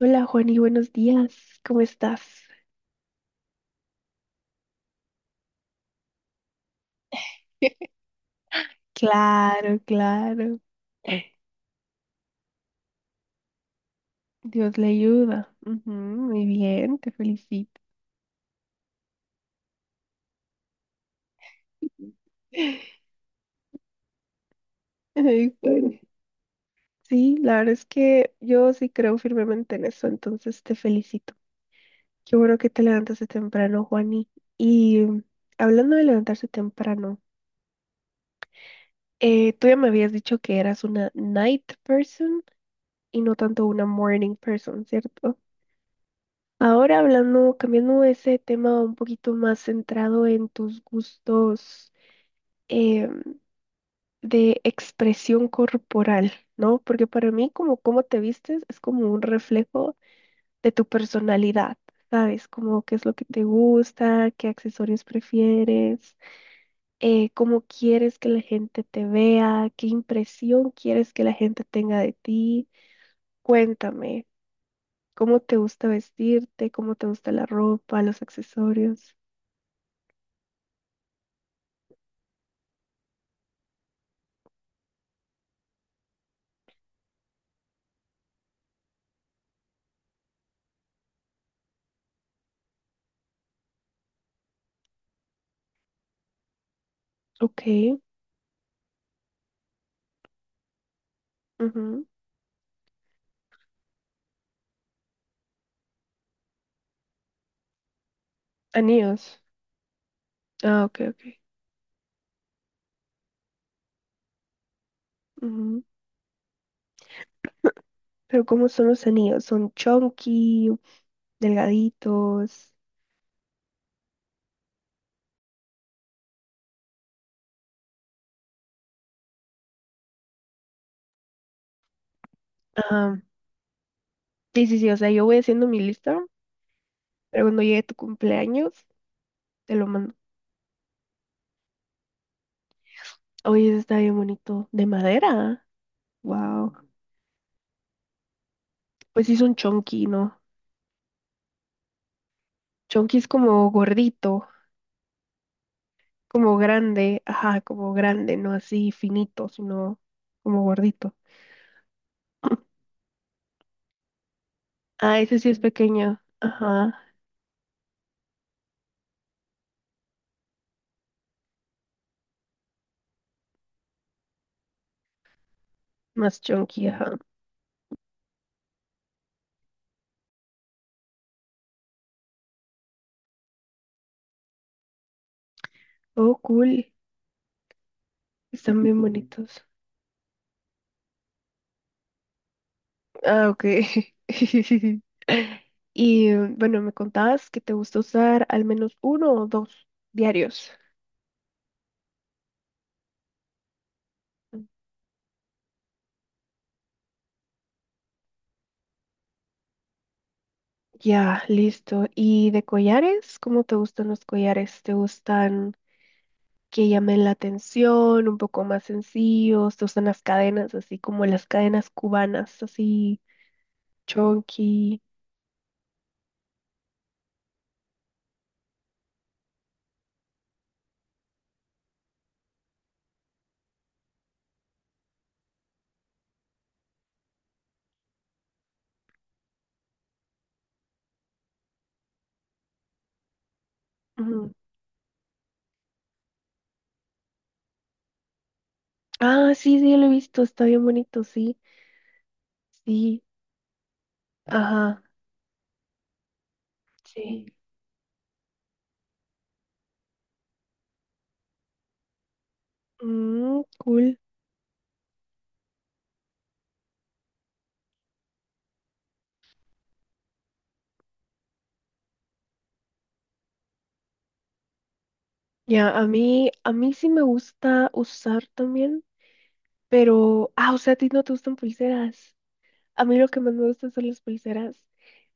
Hola Juan y buenos días, ¿cómo estás? Claro, claro. Dios le ayuda. Ujú, muy bien, te felicito. Ay, Juan. Sí, la verdad es que yo sí creo firmemente en eso, entonces te felicito. Qué bueno que te levantaste temprano, Juani. Y hablando de levantarse temprano, tú ya me habías dicho que eras una night person y no tanto una morning person, ¿cierto? Ahora hablando, cambiando ese tema un poquito más centrado en tus gustos, eh, de expresión corporal, ¿no? Porque para mí como cómo te vistes es como un reflejo de tu personalidad, ¿sabes? Como qué es lo que te gusta, qué accesorios prefieres, cómo quieres que la gente te vea, qué impresión quieres que la gente tenga de ti. Cuéntame, ¿cómo te gusta vestirte? ¿Cómo te gusta la ropa, los accesorios? Ok. Ujú. Anillos. Ah, ok, ok. Ujú. Pero ¿cómo son los anillos? ¿Son chunky, delgaditos? Ah, sí, sí, sí. O sea, yo voy haciendo mi lista, pero cuando llegue tu cumpleaños, te lo mando. Oye, ese está bien bonito. De madera. Wow. Pues sí, son chunky, ¿no? Chonky es como gordito, como grande, ajá, como grande, no así finito, sino como gordito. Ah, ese sí es pequeño, ajá, más chonky, ajá. Oh, cool, están bien bonitos. Ah, ok. Y bueno, me contabas que te gusta usar al menos uno o dos diarios. Ya, listo. ¿Y de collares? ¿Cómo te gustan los collares? ¿Te gustan que llamen la atención, un poco más sencillos, se usan las cadenas, así como las cadenas cubanas, así chonky? Ujú. Ah, sí, sí, lo he visto, está bien bonito, sí, sí, ajá, sí. Mm, cool. Ya, a mí sí me gusta usar también, pero, ah, o sea, a ti no te gustan pulseras. A mí lo que más me gusta son las pulseras.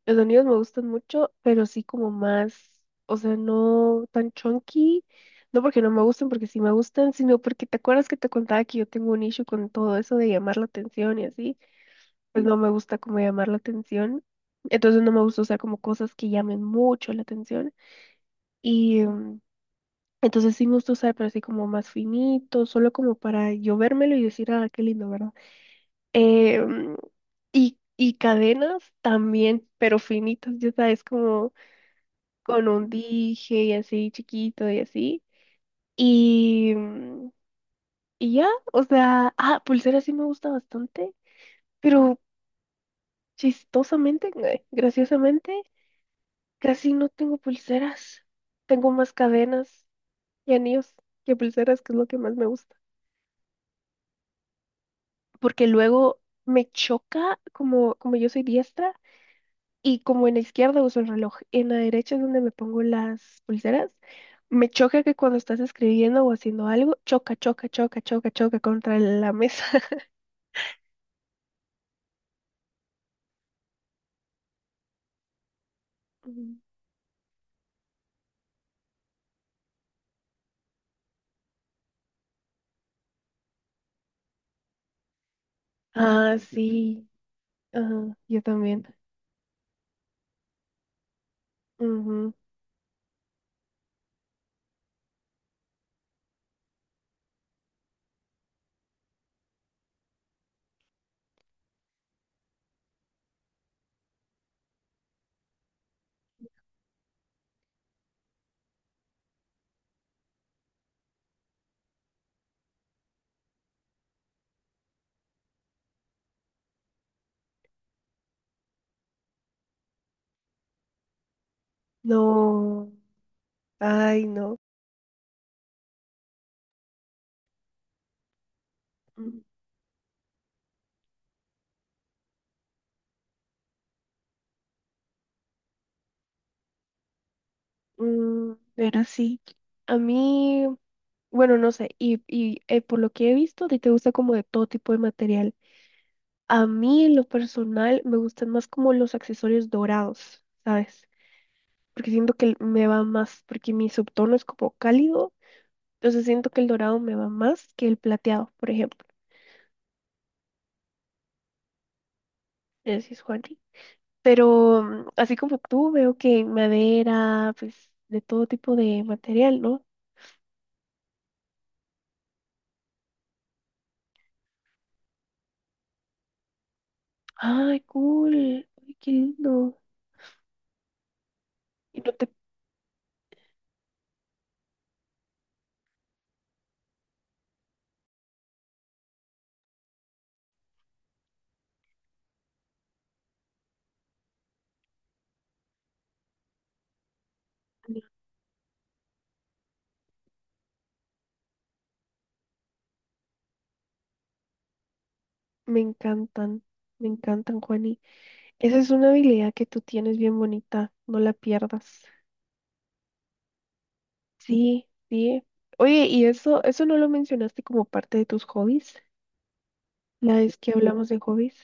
Los sonidos me gustan mucho, pero sí como más, o sea, no tan chunky, no porque no me gusten, porque sí me gustan, sino porque te acuerdas que te contaba que yo tengo un issue con todo eso de llamar la atención y así, pues no me gusta como llamar la atención, entonces no me gusta usar como cosas que llamen mucho la atención y entonces sí me gusta usar, pero así como más finito, solo como para yo vérmelo y decir, ah, qué lindo, ¿verdad? Eh, mm, y cadenas también, pero finitas, ya sabes, como... con un dije y así chiquito y así. Y, y ya, o sea, ah, pulsera sí me gusta bastante, pero chistosamente, graciosamente, casi no tengo pulseras. Tengo más cadenas y anillos que pulseras, que es lo que más me gusta. Porque luego me choca, como, como yo soy diestra. Y como en la izquierda uso el reloj, en la derecha es donde me pongo las pulseras. Me choca que cuando estás escribiendo o haciendo algo, choca, choca, choca, choca, choca contra la mesa. Mm. Ah, sí. Ajá, yo también. Ujú. No. Ay, no. Mm, pero sí. A mí, bueno, no sé. Y por lo que he visto, a ti te gusta como de todo tipo de material. A mí, en lo personal, me gustan más como los accesorios dorados, ¿sabes? Porque siento que el- me va más, porque mi subtono es como cálido, entonces siento que el dorado me va más que el plateado, por ejemplo, decís Juanri. Pero así como tú, veo que madera, pues de todo tipo de material, ¿no? Ay, cool, ay, qué lindo. Y no te, me encantan, me encantan, Juani. Esa es una habilidad que tú tienes bien bonita, no la pierdas. Sí, sí. Oye, y eso no lo mencionaste como parte de tus hobbies, la vez que hablamos de hobbies.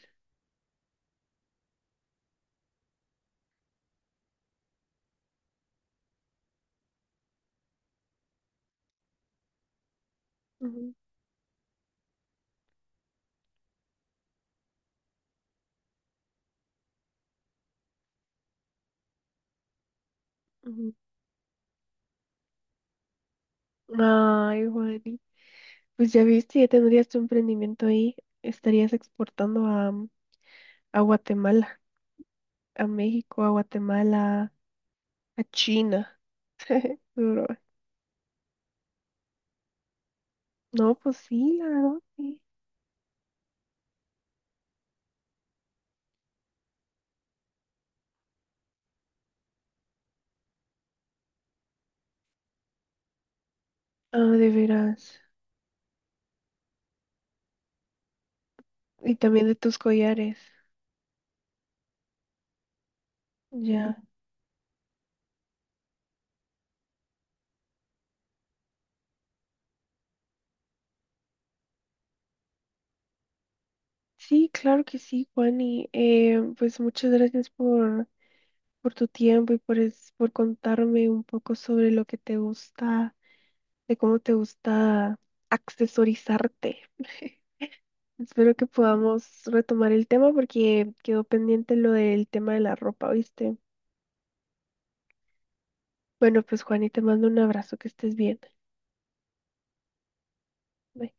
Ujú, ujú. Ay, Juani, pues ya viste, ya tendrías tu emprendimiento ahí, estarías exportando a, a Guatemala, a México, a Guatemala, a China. Pero, no, pues sí, la verdad, sí. Ah, de veras. Y también de tus collares. Ya. Sí, claro que sí, Juani. Pues muchas gracias por tu tiempo y por, es- por contarme un poco sobre lo que te gusta, de cómo te gusta accesorizarte. Espero que podamos retomar el tema porque quedó pendiente lo del tema de la ropa, ¿viste? Bueno, pues Juani, te mando un abrazo, que estés bien. Bye.